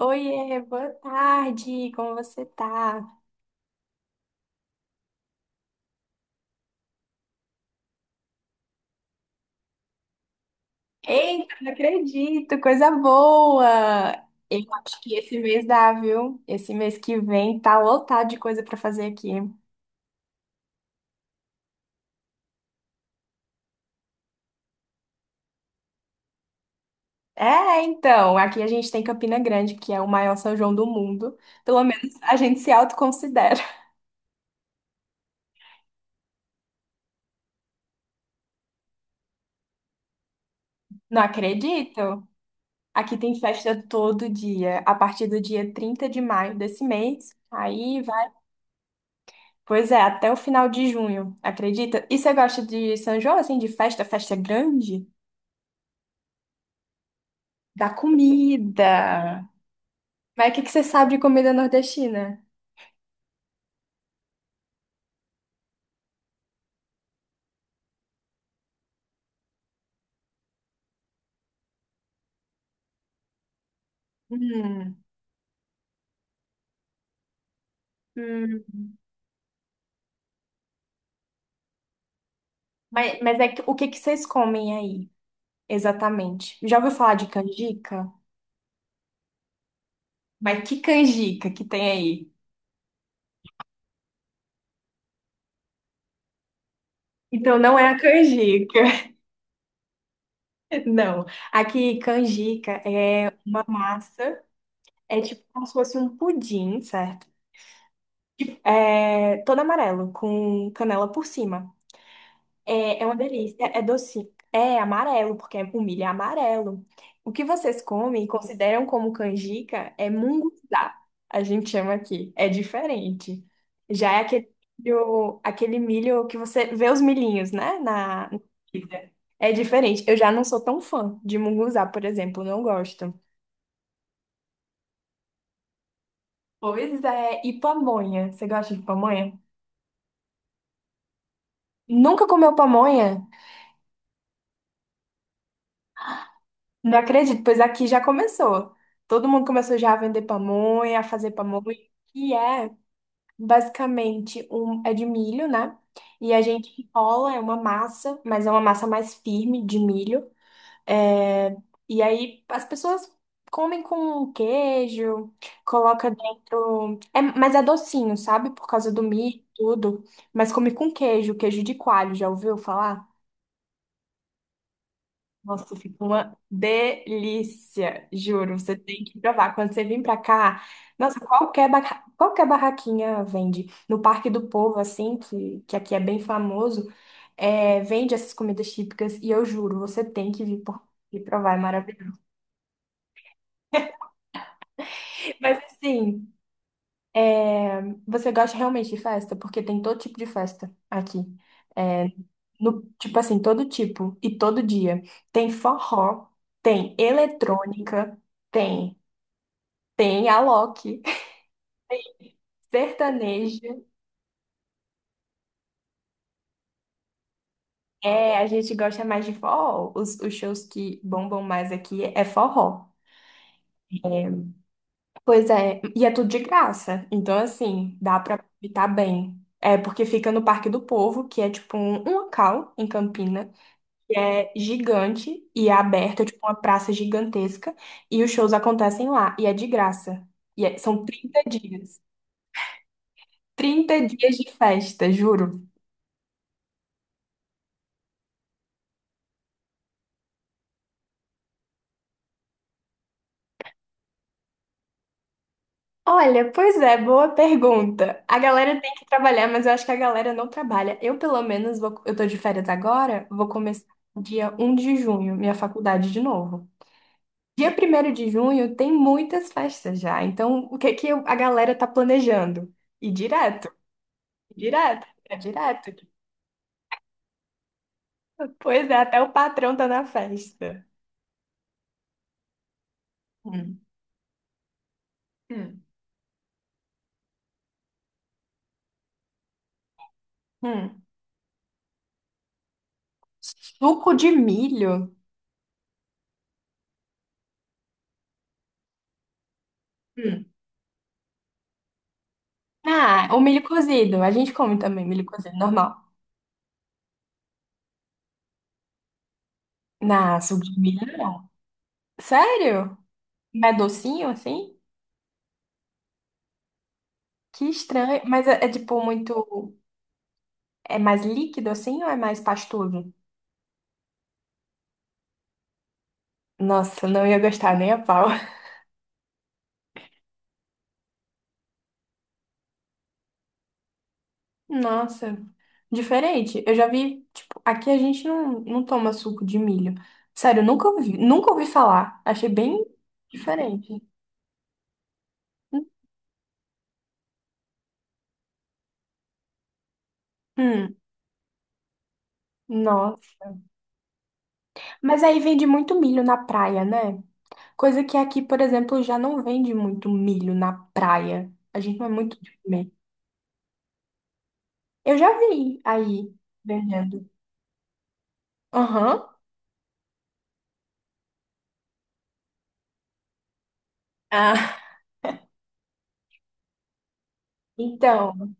Oiê, boa tarde, como você tá? Eita, não acredito, coisa boa! Eu acho que esse mês dá, viu? Esse mês que vem tá lotado de coisa pra fazer aqui. É, então, aqui a gente tem Campina Grande, que é o maior São João do mundo. Pelo menos a gente se autoconsidera. Não acredito! Aqui tem festa todo dia, a partir do dia 30 de maio desse mês. Aí Pois é, até o final de junho, acredita? E você gosta de São João, assim, de festa, festa grande? Da comida. Mas o que que você sabe de comida nordestina? Hum, hum. Mas é que, o que que vocês comem aí, exatamente? Já ouviu falar de canjica? Mas que canjica que tem aí? Então não é a canjica. Não. Aqui, canjica é uma massa, é tipo como se fosse um pudim, certo? É todo amarelo, com canela por cima. É uma delícia, é doce, é amarelo, porque o milho é amarelo. O que vocês comem e consideram como canjica é munguzá, a gente chama aqui, é diferente. Já é aquele milho que você vê os milhinhos, né, na comida. É diferente, eu já não sou tão fã de munguzá, por exemplo, não gosto. Pois é, e pamonha, você gosta de pamonha? Nunca comeu pamonha? Não acredito, pois aqui já começou. Todo mundo começou já a vender pamonha, a fazer pamonha, que é basicamente um é de milho, né? E a gente enrola, é uma massa, mas é uma massa mais firme de milho. É, e aí as pessoas comem com queijo, coloca dentro, é, mas é docinho, sabe? Por causa do milho, e tudo. Mas come com queijo, queijo de coalho, já ouviu falar? Nossa, fica uma delícia, juro. Você tem que provar. Quando você vir pra cá, nossa, qualquer barraquinha vende. No Parque do Povo, assim, que aqui é bem famoso, é, vende essas comidas típicas. E eu juro, você tem que vir e provar, é maravilhoso. Mas assim, é, você gosta realmente de festa? Porque tem todo tipo de festa aqui. É, no, tipo assim, todo tipo e todo dia. Tem forró, tem eletrônica, tem. Tem a Loki. Sertanejo. É, a gente gosta mais de forró. Os shows que bombam mais aqui é forró. Pois é, e é tudo de graça. Então, assim, dá pra aproveitar bem. É porque fica no Parque do Povo, que é tipo um local em Campina, que é gigante e é aberto, é tipo uma praça gigantesca. E os shows acontecem lá, e é de graça. São 30 dias. 30 dias de festa, juro. Olha, pois é, boa pergunta. A galera tem que trabalhar, mas eu acho que a galera não trabalha. Eu, pelo menos, eu tô de férias agora, vou começar dia 1 de junho, minha faculdade de novo. Dia 1º de junho tem muitas festas já, então o que que a galera tá planejando? Ir direto, ir direto, é direto. Pois é, até o patrão tá na festa. Hum, hum, hum. Suco de milho? Hum. Ah, o milho cozido. A gente come também milho cozido, normal. Na suco de milho? Sério? Mas é docinho assim? Que estranho. Mas tipo muito. É mais líquido assim ou é mais pastoso? Nossa, não ia gostar nem a pau. Nossa, diferente. Eu já vi, tipo, aqui a gente não toma suco de milho. Sério, nunca ouvi falar. Achei bem diferente. Hum, nossa. Mas aí vende muito milho na praia, né? Coisa que aqui, por exemplo, já não vende muito milho na praia. A gente não é muito de comer. Eu já vi aí vendendo. Aham. Ah. Então,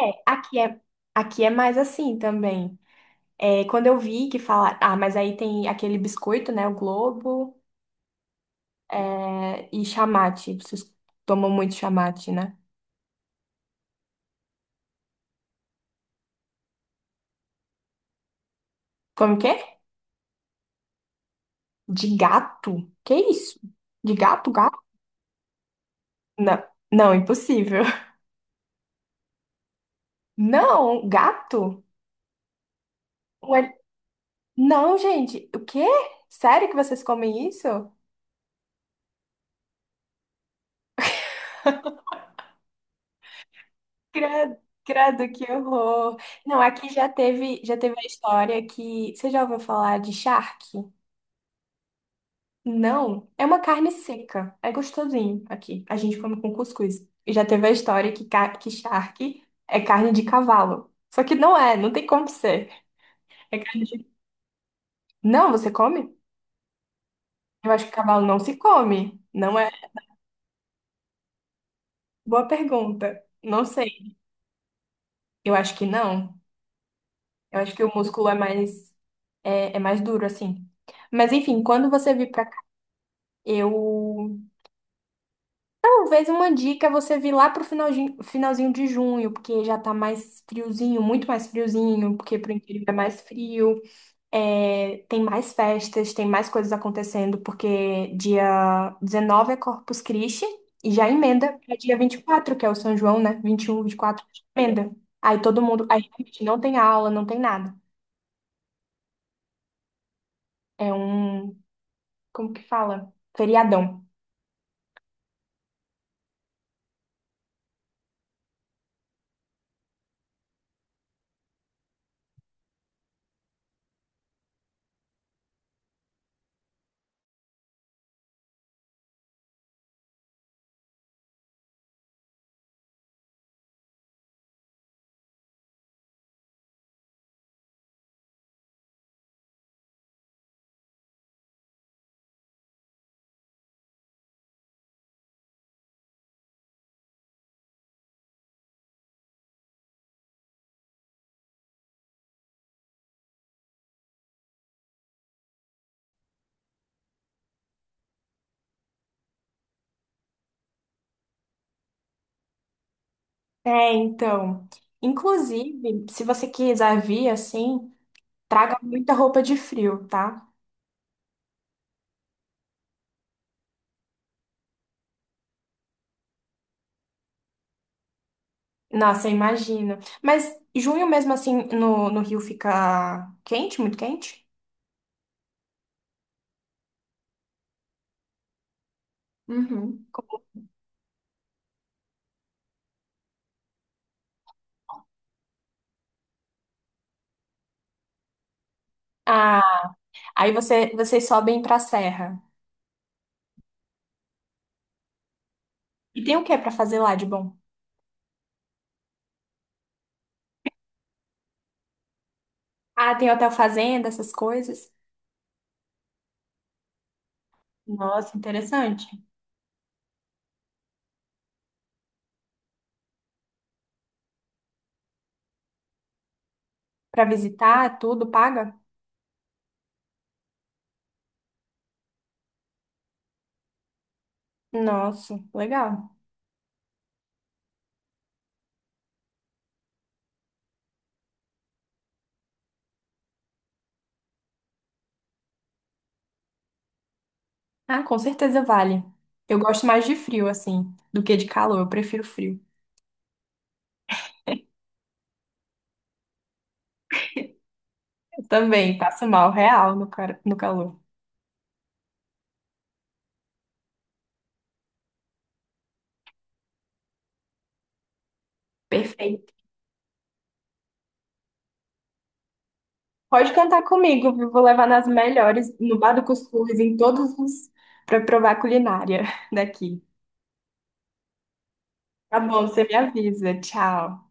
é, aqui é mais assim também. É, quando eu vi que falar, ah, mas aí tem aquele biscoito, né? O Globo, é, e chamate. Vocês tomam muito chamate, né? Como que é? De gato? Que isso? De gato, gato? Não, não, impossível. Não, gato? Não, gente, o quê? Sério que vocês comem isso? Credo, credo, que horror. Não, aqui já teve a história que. Você já ouviu falar de charque? Não, é uma carne seca. É gostosinho aqui. A gente come com cuscuz. E já teve a história que charque é carne de cavalo. Só que não é, não tem como ser. É carne de... Não, você come? Eu acho que cavalo não se come. Não é? Boa pergunta. Não sei. Eu acho que não. Eu acho que o músculo é mais duro, assim. Mas enfim, quando você vir pra cá, eu. Talvez uma dica é você vir lá pro finalzinho, finalzinho de junho, porque já tá mais friozinho, muito mais friozinho, porque pro interior é mais frio, é, tem mais festas, tem mais coisas acontecendo, porque dia 19 é Corpus Christi, e já emenda pra dia 24 que é o São João, né? 21 24 emenda. Aí todo mundo. Aí realmente não tem aula, não tem nada. É um como que fala? Feriadão. É, então. Inclusive, se você quiser vir assim, traga muita roupa de frio, tá? Nossa, eu imagino. Mas junho mesmo assim no Rio fica quente, muito quente? Uhum. Ah, aí vocês sobem pra serra. E tem o que pra fazer lá de bom? Ah, tem hotel fazenda, essas coisas. Nossa, interessante. Pra visitar, tudo paga? Nossa, legal. Ah, com certeza vale. Eu gosto mais de frio, assim, do que de calor. Eu prefiro frio. Eu também passo mal real no calor. Perfeito. Pode cantar comigo, viu? Vou levar nas melhores, no Bar do Cuscuz, em todos os, para provar a culinária daqui. Tá bom, você me avisa. Tchau.